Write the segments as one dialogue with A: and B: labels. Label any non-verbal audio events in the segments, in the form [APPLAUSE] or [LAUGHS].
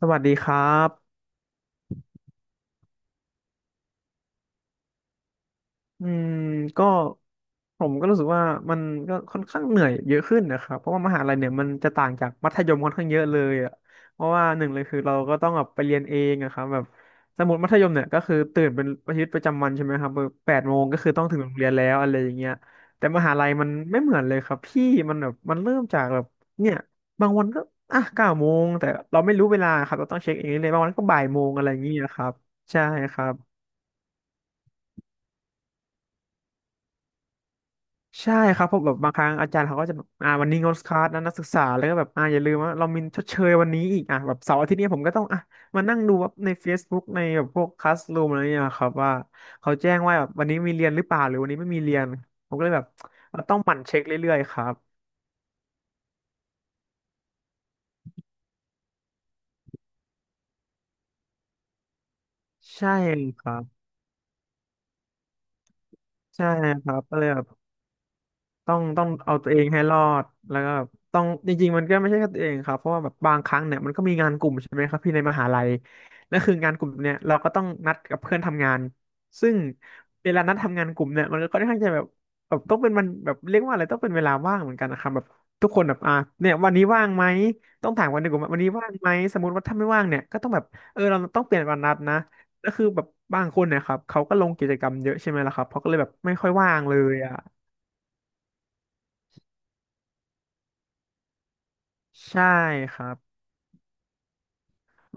A: สวัสดีครับ อืมก็ผมก็รู้สึกว่ามันก็ค่อนข้างเหนื่อยเยอะขึ้นนะครับเพราะว่ามหาลัยเนี่ยมันจะต่างจากมัธยมค่อนข้างเยอะเลยอ่ะเพราะว่าหนึ่งเลยคือเราก็ต้องแบบไปเรียนเองอะครับแบบสมมติมัธยมเนี่ยก็คือตื่นเป็นชีวิตประจำวันใช่ไหมครับแบบแปดโมงก็คือต้องถึงโรงเรียนแล้วอะไรอย่างเงี้ยแต่มหาลัยมันไม่เหมือนเลยครับพี่มันแบบมันเริ่มจากแบบเนี่ยบางวันก็อ่ะเก้าโมงแต่เราไม่รู้เวลาครับเราต้องเช็คเองเลยบางวันก็บ่ายโมงอะไรอย่างเงี้ยครับใช่ครับ ใช่ครับเพราะแบบบางครั้งอาจารย์เขาก็จะแบบอ่าวันนี้งดคลาสนะนักศึกษาแล้วก็แบบอ่าอย่าลืมว่าเรามีชดเชยวันนี้อีกอ่ะแบบเสาร์อาทิตย์เนี้ผมก็ต้องอ่ะมานั่งดูว่าใน Facebook ในแบบพวกคลาสรูมอะไรเนี่ยครับว่าเขาแจ้งว่าแบบวันนี้มีเรียนหรือเปล่าหรือวันนี้ไม่มีเรียนผมก็เลยแบบเราต้องหมั่นเช็คเรื่อยๆครับใช่ครับใช่ครับก็เลยแบบ ต้องเอาตัวเองให้รอดแล้วก็แบบต้องจริงๆมันก็ไม่ใช่แค่ตัวเองครับเพราะว่าแบบบางครั้งเนี่ยมันก็มีงานกลุ่มใช่ไหมครับพี่ในมหาลัยนั่นคืองานกลุ่มเนี่ยเราก็ต้องนัดกับเพื่อนทำงานซึ่งเวลานัดทำงานกลุ่มเนี่ยมันก็ค่อนข้างจะแบบแบบต้องเป็นมันแบบเรียกว่าอะไรต้องเป็นเวลาว่างเหมือนกันนะครับแบบทุกคนแบบอ่าเนี่ยวันนี้ว่างไหมต้องถามวันในกลุ่มว่าวันนี้ว่างไหมสมมติว่าถ้าไม่ว่างเนี่ยก็ต้องแบบเออเราต้องเปลี่ยนวันนัดนะก็คือแบบบางคนเนี่ยครับเขาก็ลงกิจกรรมเยอะใช่ไหมล่ะครับเขาก็เลยแบบไม่ค่อยว่างเลยอ่ะ ใช่ครับ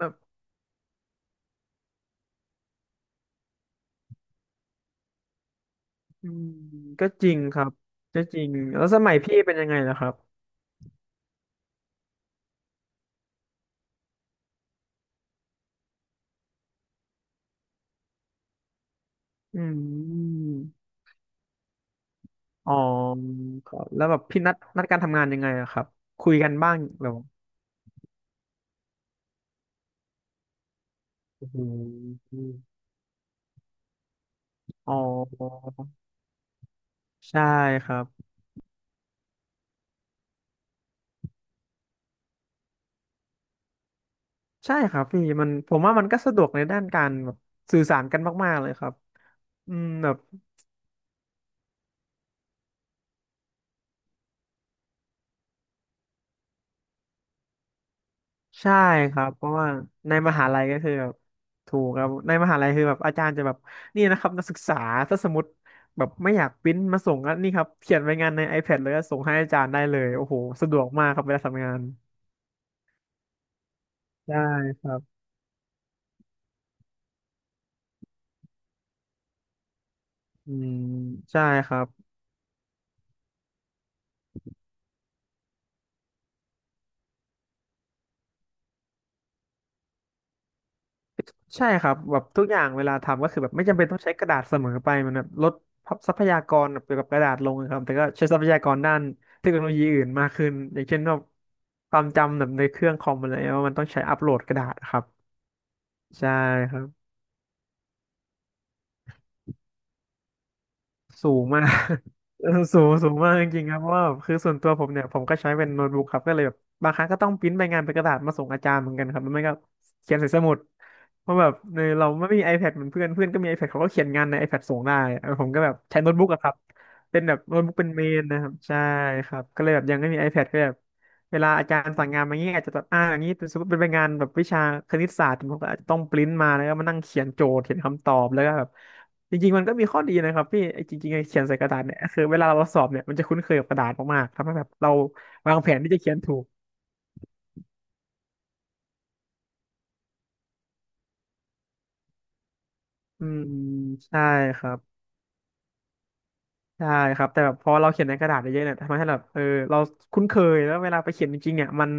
A: แบบอืมก็จริงครับก็จริงแล้วสมัยพี่เป็นยังไงล่ะครับอืมอ๋อครับแล้วแบบพี่นัดการทำงานยังไงอะครับคุยกันบ้างแบบโอ้โหอ๋อใช่ครับใช่ครับพี่มันผมว่ามันก็สะดวกในด้านการแบบสื่อสารกันมากๆเลยครับอืมแบบ ใช่ครับเพราะว่าในมหาลัยก็คือแบบถูกครับในมหาลัยคือแบบอาจารย์จะแบบนี่นะครับนักศึกษาถ้าสมมติแบบไม่อยากปริ้นมาส่งก็นี่ครับเขียนรายงานใน iPad เลยก็ส่งให้อาจารย์ได้เลยโอ้โหสะดวกมากครับเวลาทำงานใช่ครับอืมใช่ครับ ใช่ครับแบบทุกอย่างเวลาทำก็คือแบบไม่จำเป็นต้องใช้กระดาษเสมอไปมันแบบลดทรัพยากรเกี่ยวกับกระดาษลงนะครับแต่ก็ใช้ทรัพยากรด้านเทคโนโลยีอื่นมากขึ้นอย่างเช่นแบบความจำแบบในเครื่องคอมอะไรว่ามันต้องใช้อัปโหลดกระดาษครับใช่ครับ สูงมาก [LAUGHS] เออสูงสูงมากจริงๆครับเพราะว่าคือส่วนตัวผมเนี่ยผมก็ใช้เป็นโน้ตบุ๊กครับก็เลยแบบบางครั้งก็ต้องปริ้นใบงานเป็นกระดาษมาส่งอาจารย์เหมือนกันครับมันไม่ก็เขียนใส่สมุดเพราะแบบเออเราไม่มี iPad เหมือนเพื่อนเพื่อนก็มี iPad เขาก็เขียนงานใน iPad ส่งได้เออผมก็แบบใช้โน้ตบุ๊กอะครับเป็นแบบโน้ตบุ๊กเป็นเมนนะครับใช่ครับก็เลยแบบยังไม่มี iPad ก็แบบเวลาอาจารย์สั่งงานมาเงี้ยอาจจะแบบอ่าอย่างนี้สมมติเป็นใบงานแบบวิชาคณิตศาสตร์ผมก็อาจจะต้องปริ้นมาแล้วก็มานั่งเขียนโจทย์เขียนคำตอบแล้วก็แบบ จริงๆมันก็มีข้อดีนะครับพี่ไอ้จริงๆไอ้เขียนใส่กระดาษเนี่ยคือเวลาเราสอบเนี่ยมันจะคุ้นเคยกับกระดาษมากๆทำให้แบบเราวางแผนที่จะเขียนถูกอืมใช่ครับใช่ครับแต่แบบพอเราเขียนในกระดาษเยอะๆเนี่ยทำให้แบบเออเราคุ้นเคยแล้วเวลาไปเขียนจริงๆเนี่ยมัน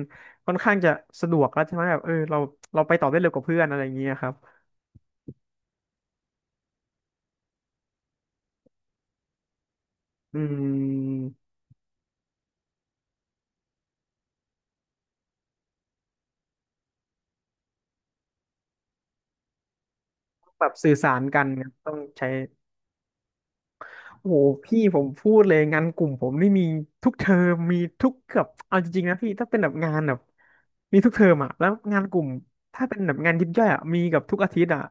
A: ค่อนข้างจะสะดวกแล้วใช่ไหมแบบเออเราเราไปต่อได้เร็วกว่าเพื่อนอะไรอย่างเงี้ยครับอืมแบบสื่อสารกันเนี่ยต้องใช้ โอ้โหพี่ผมพูดเลยงานกลุ่มผมนี่มีทุกเทอมมีทุกเกือบเอาจริงๆนะพี่ถ้าเป็นแบบงานแบบมีทุกเทอมอ่ะแล้วงานกลุ่มถ้าเป็นแบบงานยิบย่อยอ่ะมีกับทุกอาทิตย์อ่ะ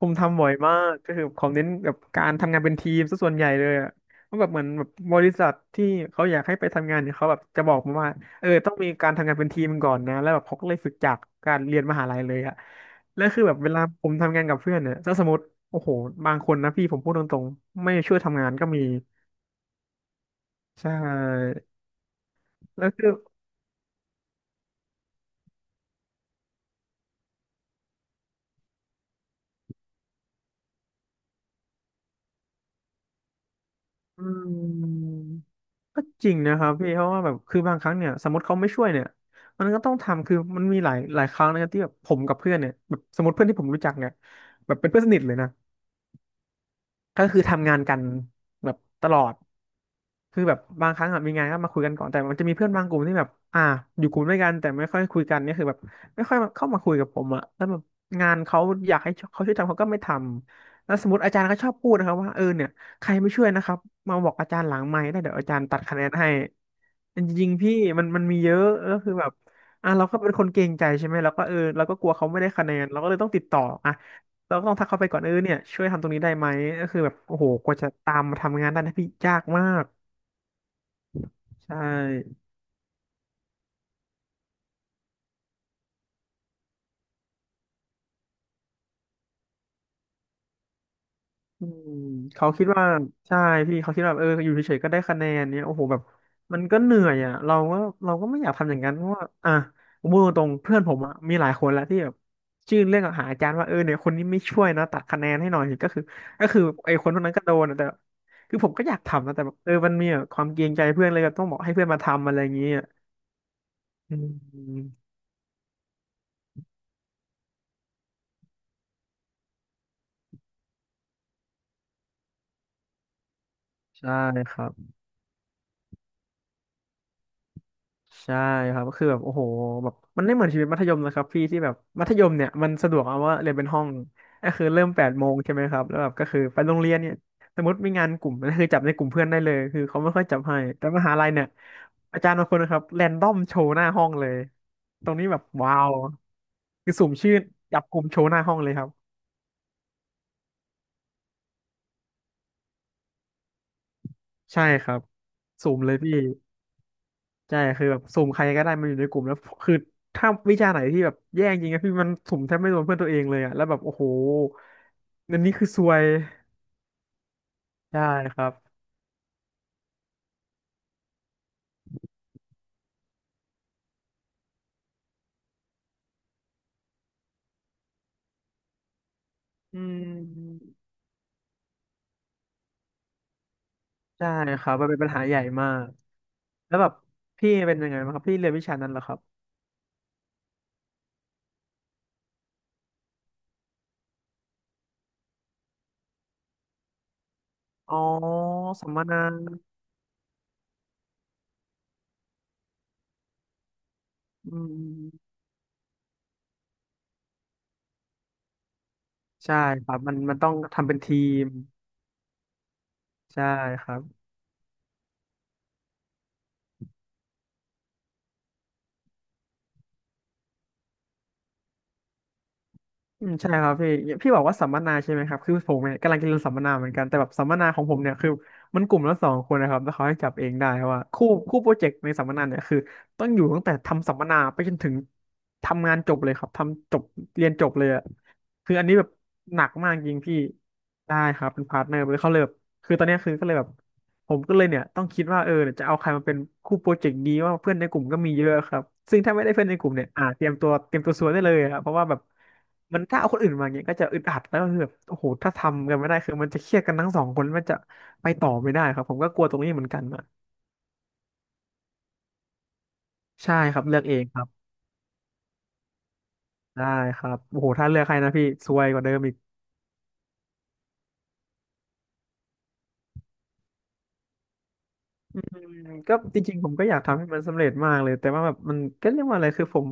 A: ผมทำบ่อยมากก็คือผมเน้นแบบการทำงานเป็นทีมซะส่วนใหญ่เลยอ่ะเพราะแบบเหมือนแบบบริษัทที่เขาอยากให้ไปทำงานเนี่ยเขาแบบจะบอกมาว่าเออต้องมีการทำงานเป็นทีมก่อนนะแล้วแบบเขาก็เลยฝึกจากการเรียนมหาลัยเลยอ่ะแล้วคือแบบเวลาผมทำงานกับเพื่อนเนี่ยถ้าสมมติ โอ้โหบางคนนะพี่ผมพูดตรงๆไม่ช่วยทำงานก็มี ใช่ แล้วคืออืมก็จริงนะครับพี่เพราะว่าแบบคือบางครั้งเนี่ยสมมติเขาไม่ช่วยเนี่ยมันก็ต้องทำคือมันมีหลายครั้งนะครับที่แบบผมกับเพื่อนเนี่ยแบบสมมติเพื่อนที่ผมรู้จักเนี่ยแบบเป็นเพื่อนสนิทเลยนะ ก็คือทำงานกันแบบตลอดคือแบบบางครั้งอะมีงานก็มาคุยกันก่อนแต่มันจะมีเพื่อนบางกลุ่มที่แบบอ่าอยู่กลุ่มด้วยกันแต่ไม่ค่อยคุยกันเนี่ยคือแบบไม่ค่อยเข้ามาคุยกับผมอะแล้วแบบงานเขาอยากให้เขาช่วยทำเขาก็ไม่ทำแล้วสมมติอาจารย์ก็ชอบพูดนะครับว่าเออเนี่ยใครไม่ช่วยนะครับมาบอกอาจารย์หลังไมค์ได้เดี๋ยวอาจารย์ตัดคะแนนให้จริงๆพี่มันมีเยอะก็คือแบบอ่ะเราก็เป็นคนเกรงใจใช่ไหมเราก็เออเราก็กลัวเขาไม่ได้คะแนนเราก็เลยต้องติดต่ออ่ะ เราก็ต้องทักเขาไปก่อนเออเนี่ยช่วยทำตรงนี้ได้ไหมก็คือแบบโอ้โหกว่าจะตามมาทำงานได้นะพี่ยากมากใช่อืมเขาคิดว่าใช่พี่เขาคิดว่าเอออยู่เฉยๆก็ได้คะแนนเนี่ยโอ้โหแบบมันก็เหนื่อยอ่ะเราก็ไม่อยากทำอย่างนั้นเพราะว่าอ่ะผมพูดตรงๆเพื่อนผมอ่ะมีหลายคนแล้วที่แบบชื่นเรื่องกับหาอาจารย์ว่าเออเนี่ยคนนี้ไม่ช่วยนะตัดคะแนนให้หน่อยก็คือไอ้คนพวกนั้นก็โดนอะแต่คือผมก็อยากทำนะแต่แบบเออมันมีแบบความเกรงใจเพื่อนเลยแบบต้องบอกให้เพื่อนมาทำอะไรอย่างเงี้ยอืม ใช่ครับใช่ครับก็คือแบบโอ้โหแบบมันไม่เหมือนชีวิตมัธยมนะครับพี่ที่แบบมัธยมเนี่ยมันสะดวกเอาว่าเรียนเป็นห้องก็คือเริ่มแปดโมงใช่ไหมครับแล้วแบบก็คือไปโรงเรียนเนี่ยสมมติมีงานกลุ่มก็คือจับในกลุ่มเพื่อนได้เลยคือเขาไม่ค่อยจับให้แต่มหาลัยเนี่ยอาจารย์บางคนนะครับแรนดอมโชว์หน้าห้องเลยตรงนี้แบบว้าวคือสุ่มชื่อจับกลุ่มโชว์หน้าห้องเลยครับใช่ครับสุ่มเลยพี่ ใช่คือแบบสุ่มใครก็ได้มาอยู่ในกลุ่มแล้วคือถ้าวิชาไหนที่แบบแย่จริงนะพี่มันสุ่มแทบไม่โดนเพื่อนตัวเองเลยอะแล้วแบบโอ้โหอันนี้คือซวยใช่ครับอืมใช่ครับมันเป็นปัญหาใหญ่มากแล้วแบบพี่เป็นยังไงบ้างครับพี่เรียนวิชานั้นเหรอครับอ๋อสัมมนาอืมใช่ครับมันต้องทำเป็นทีมใช่ครับ อืมใช่ครับพี่พี่บอกว่าสัมมนาใช่ไหมครับคือผมเนี่ยกำลังจะเรียนสัมมนาเหมือนกันแต่แบบสัมมนาของผมเนี่ยคือมันกลุ่มละสองคนนะครับแล้วเขาให้จับเองได้เพราะว่าคู่โปรเจกต์ในสัมมนาเนี่ยคือต้องอยู่ตั้งแต่ทำสัมมนาไปจนถึงทำงานจบเลยครับทำจบเรียนจบเลยอะคืออันนี้แบบหนักมากจริงพี่ได้ครับเป็นพาร์ทเนอร์เลยเขาเลยแบบคือตอนเนี้ยคือก็เลยแบบ ผมก็เลยเนี่ยต้องคิดว่าเออเนี่ยจะเอาใครมาเป็นคู่โปรเจกต์ดีว่าเพื่อนในกลุ่มก็มีเยอะครับซึ่งถ้าไม่ได้เพื่อนในกลุ่มเนี่ยเตรียมตัวซวยได้เลยครับเพราะว่าแบบมันถ้าเอาคนอื่นมาเนี่ยก็จะอึดอัดแล้วก็คือแบบโอ้โหถ้าทำกันไม่ได้คือมันจะเครียดกันทั้งสองคนมันจะไปต่อไม่ได้ครับผมก็กลัวตรงนี้เหมือนกันอ่ะใช่ครับเลือกเองครับได้ครับโอ้โหถ้าเลือกใครนะพี่ซวยกว่าเดิมอีก อืมก็จริงๆผมก็อยากทำให้มันสำเร็จมากเลยแต่ว่าแบบมันก็เรียกว่าอะไรคือผม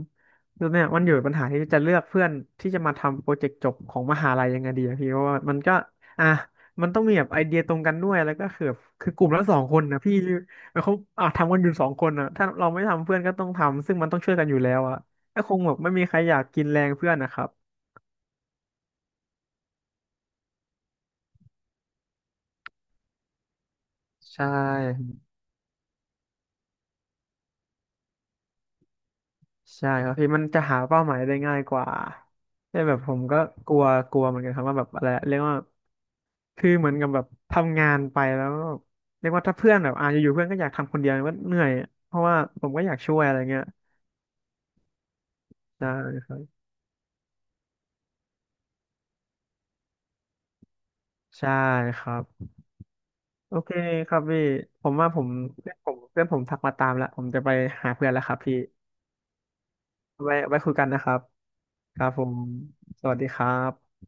A: คือเนี่ยมันอยู่ปัญหาที่จะเลือกเพื่อนที่จะมาทำโปรเจกต์จบของมหาลัยยังไงดีอะพี่เพราะว่ามันก็อ่ะมันต้องมีแบบไอเดียตรงกันด้วยแล้วก็คือแบบคือกลุ่มละสองคนนะพี่แล้วเขาอ่ะทำกันอยู่สองคนนะถ้าเราไม่ทำเพื่อนก็ต้องทำซึ่งมันต้องช่วยกันอยู่แล้วอะก็คงแบบไม่มีใครอยากกินแรงเพื่อนนะครับใช่ ใช่ครับพี่มันจะหาเป้าหมายได้ง่ายกว่าแต่แบบผมก็กลัวกลัวเหมือนกันครับว่าแบบอะไรเรียกว่าคือเหมือนกับแบบทำงานไปแล้วเรียกว่าถ้าเพื่อนแบบอยู่ๆเพื่อนก็อยากทำคนเดียวมันก็เหนื่อยเพราะว่าผมก็อยากช่วยอะไรเงี้ยใช่ครับใช่ครับโอเคครับพี่ผมว่าผมเพื่อนผมทักมาตามแล้วผมจะไปหาเพื่อนแล้วครับพี่ไว้คุยกันนะครับครับผมสวัสดีครับ